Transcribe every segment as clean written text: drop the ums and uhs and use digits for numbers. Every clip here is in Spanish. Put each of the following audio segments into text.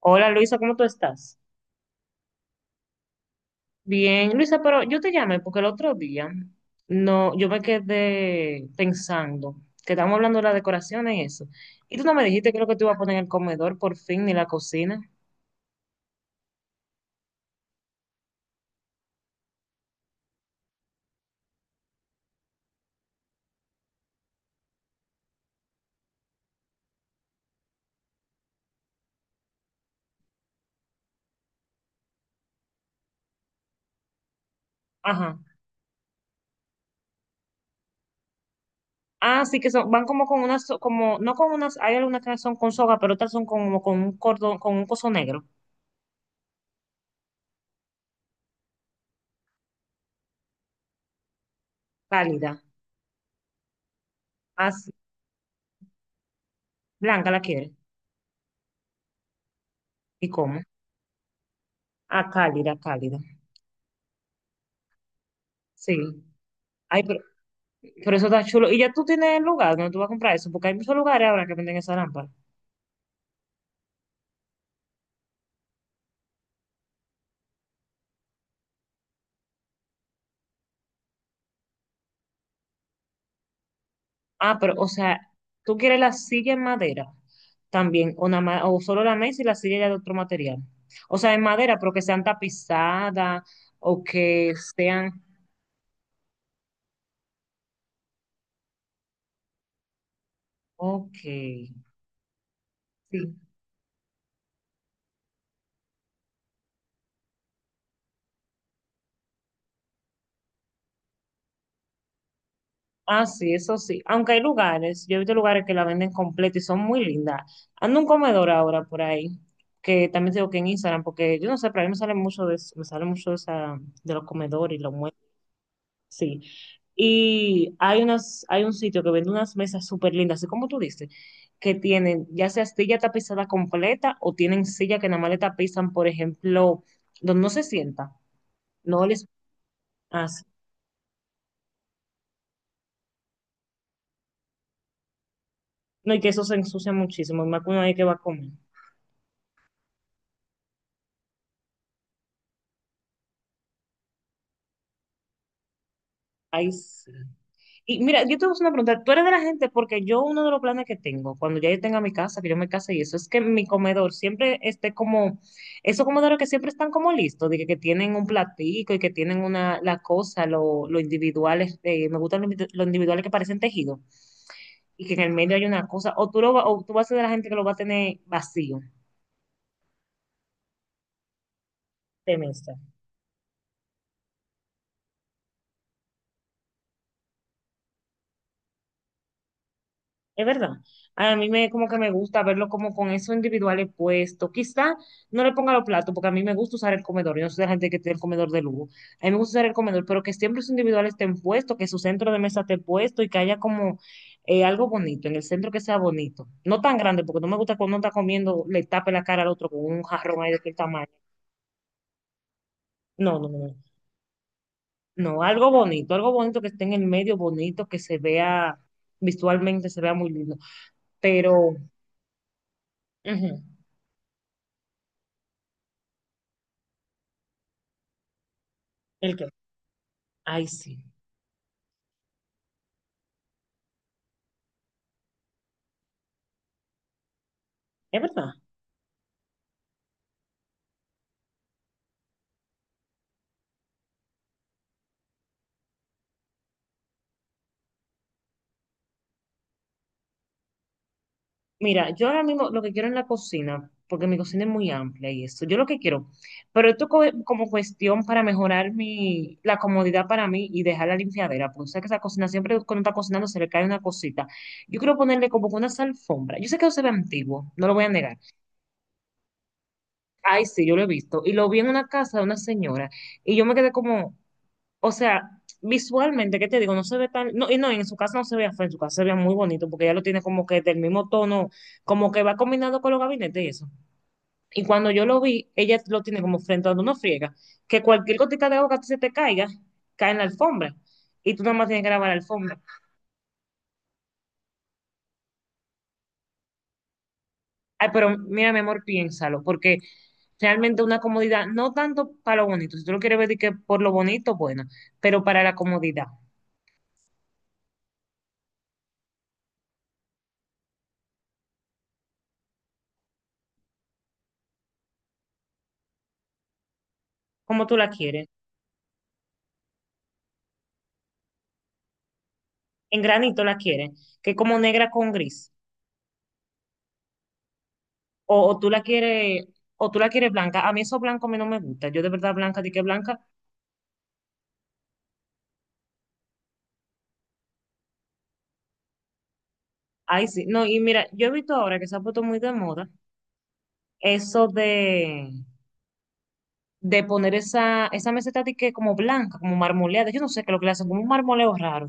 Hola Luisa, ¿cómo tú estás? Bien, Luisa, pero yo te llamé porque el otro día no, yo me quedé pensando que estamos hablando de las decoraciones y eso. Y tú no me dijiste que lo que te iba a poner en el comedor por fin ni la cocina. Ajá. Ah, sí que son, van como con unas, so- como, no con unas, hay algunas que son con soga, pero otras son como con un cordón, con un coso negro, cálida. Ah, sí. Blanca la quiere. ¿Y cómo? Ah, cálida, cálida. Sí. Ay, pero eso está chulo. Y ya tú tienes el lugar donde tú vas a comprar eso, porque hay muchos lugares ahora que venden esa lámpara. Ah, pero, o sea, tú quieres la silla en madera también, o, nada más- o solo la mesa y la silla ya de otro material. O sea, en madera, pero que sean tapizadas o que sean. Ok, sí. Ah, sí, eso sí. Aunque hay lugares, yo he visto lugares que la venden completa y son muy lindas. Ando un comedor ahora por ahí, que también tengo que en Instagram, porque yo no sé, pero a mí me sale mucho de eso, me sale mucho de, esa, de los comedores y los muebles. Sí. Y hay unas, hay un sitio que vende unas mesas súper lindas, así como tú dices, que tienen ya sea silla tapizada completa o tienen silla que nada más le tapizan, por ejemplo, donde no se sienta, no les hace. No, y que eso se ensucia muchísimo, y más que uno ahí que va a comer. Ahí sí. Y mira, yo te voy a hacer una pregunta. Tú eres de la gente, porque yo uno de los planes que tengo, cuando ya yo tenga mi casa, que yo me case y eso, es que mi comedor siempre esté como, esos comedores que siempre están como listos, de que tienen un platico y que tienen una, la cosa, lo individuales, me gustan los individu- los individuales que parecen tejidos, y que en el medio hay una cosa, o tú, lo, va- o tú vas a ser de la gente que lo va a tener vacío de mesa. Es verdad. A mí me como que me gusta verlo como con eso individuales puesto. Quizá no le ponga los platos, porque a mí me gusta usar el comedor. Yo no soy de la gente que tiene el comedor de lujo. A mí me gusta usar el comedor, pero que siempre los individuales estén puestos, que su centro de mesa esté puesto y que haya como algo bonito, en el centro que sea bonito. No tan grande, porque no me gusta cuando uno está comiendo, le tape la cara al otro con un jarrón ahí de aquel tamaño. No, no, no. No, no, algo bonito que esté en el medio, bonito, que se vea visualmente, se vea muy lindo. Pero, ujú, ¿el qué? Ay, sí, es verdad. Mira, yo ahora mismo lo que quiero en la cocina, porque mi cocina es muy amplia y eso. Yo lo que quiero, pero esto co- como cuestión para mejorar mi, la comodidad para mí y dejar la limpiadera, porque sabes que esa cocina siempre cuando está cocinando se le cae una cosita. Yo quiero ponerle como que unas alfombras. Yo sé que eso se ve antiguo, no lo voy a negar. Ay, sí, yo lo he visto. Y lo vi en una casa de una señora y yo me quedé como, o sea, visualmente, ¿qué te digo? No se ve tan, no, y no, en su casa no se veía feo, en su casa se veía muy bonito, porque ella lo tiene como que del mismo tono, como que va combinado con los gabinetes y eso. Y cuando yo lo vi, ella lo tiene como frente a donde uno friega, que cualquier gotita de agua que se te caiga, cae en la alfombra, y tú nada más tienes que lavar la alfombra. Ay, pero mira, mi amor, piénsalo, porque realmente una comodidad, no tanto para lo bonito, si tú lo quieres ver de que por lo bonito, bueno, pero para la comodidad, como tú la quieres, en granito la quieres, que es como negra con gris. O tú la quieres, o tú la quieres blanca. A mí eso blanco a mí no me gusta. Yo de verdad blanca, di que blanca. Ay, sí. No, y mira, yo he visto ahora que se ha puesto muy de moda eso de poner esa, esa meseta di que como blanca, como marmoleada. Yo no sé qué es lo que le hacen, como un marmoleo raro.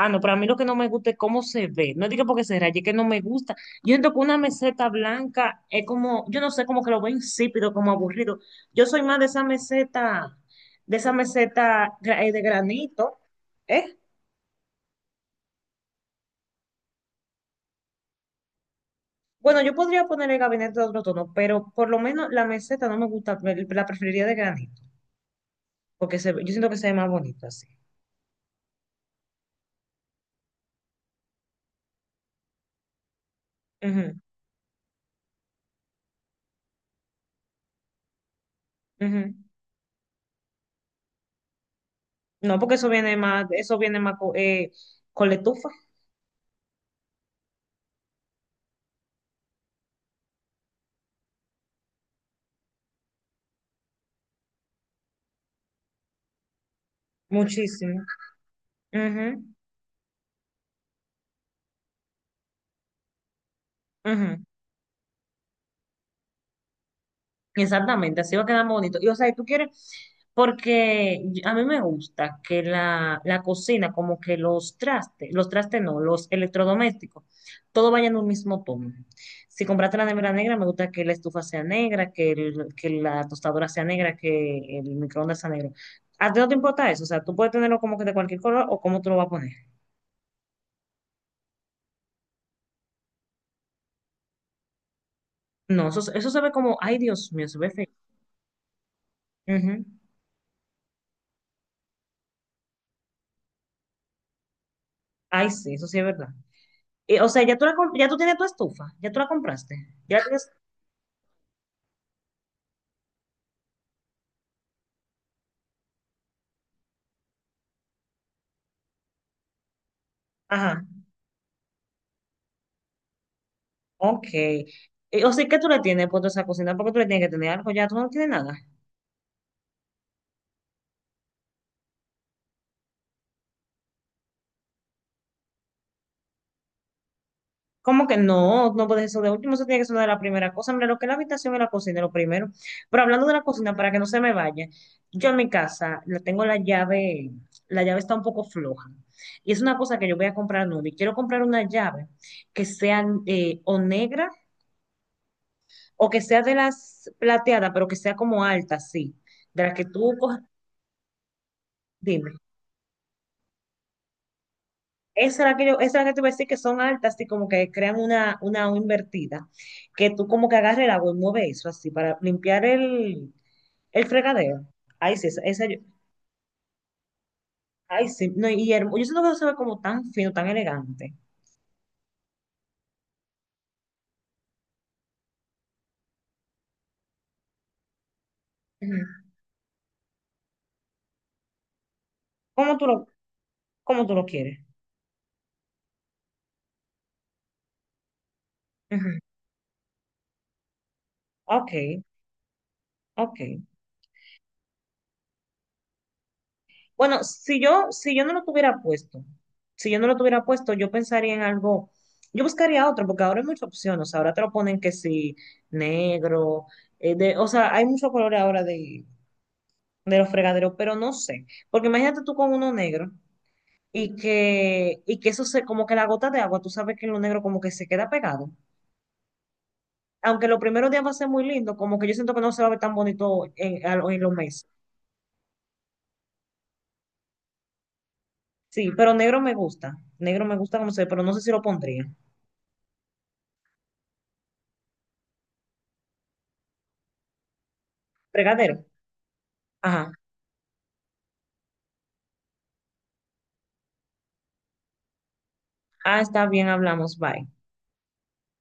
Ah, no, pero a mí lo que no me gusta es cómo se ve. No digo porque se raye, es que no me gusta. Yo siento que una meseta blanca es como, yo no sé, como que lo veo insípido, como aburrido. Yo soy más de esa meseta gra- de granito, ¿eh? Bueno, yo podría poner el gabinete de otro tono, pero por lo menos la meseta no me gusta, me- la preferiría de granito, porque se, yo siento que se ve más bonito así. Ujú, ujú. No, porque eso viene más co- con, letufa, muchísimo. Ujú, ujú. Exactamente, así va a quedar más bonito. Y o sea, y tú quieres, porque yo- a mí me gusta que la cocina, como que los trastes no, los electrodomésticos, todo vaya en un mismo tono. Si compraste la nevera negra, me gusta que la estufa sea negra, que, el- que la tostadora sea negra, que el microondas sea negro. ¿A ti no te importa eso? O sea, tú puedes tenerlo como que de cualquier color o cómo tú lo vas a poner. No, eso se ve como, ay Dios mío, se ve feo. Ujú. Ay, sí, eso sí es verdad. O sea, ya tú, la comp- ya tú tienes tu estufa, ya tú la compraste. Ya tienes. Ajá, ok. O sea, ¿qué tú le tienes puesto a esa cocina? ¿Por qué tú le tienes que tener algo? Ya tú no tienes nada. ¿Cómo que no? No puedes eso de último, eso tiene que ser una de las primeras cosas. Mira, lo que es la habitación y la cocina, lo primero. Pero hablando de la cocina, para que no se me vaya, yo en mi casa le tengo la llave está un poco floja. Y es una cosa que yo voy a comprar nueva. Y quiero comprar una llave que sea o negra o que sea de las plateadas, pero que sea como alta, sí, de las que tú coges, dime. Esa es la que yo, esa es la que te voy a decir que son altas, así como que crean una O invertida, que tú como que agarres el agua y mueves eso así para limpiar el fregadero. Ay, sí, esa yo, ay, sí, no, y hermo- yo siento que eso se ve como tan fino, tan elegante. Ujú. ¿Cómo tú lo, cómo tú lo quieres? Ujú. Ok, ok. Bueno, si yo, si yo no lo tuviera puesto, si yo no lo tuviera puesto, yo pensaría en algo, yo buscaría otro, porque ahora hay muchas opciones, o sea, ahora te lo ponen que sí, negro, de, o sea, hay muchos colores ahora de los fregaderos, pero no sé, porque imagínate tú con uno negro y que eso se, como que la gota de agua, tú sabes que en lo negro como que se queda pegado, aunque los primeros días va a ser muy lindo, como que yo siento que no se va a ver tan bonito en, a- lo- en los meses. Sí, pero negro me gusta como se ve, pero no sé si lo pondría. Fregadero. Ajá. Ah, está bien, hablamos. Bye.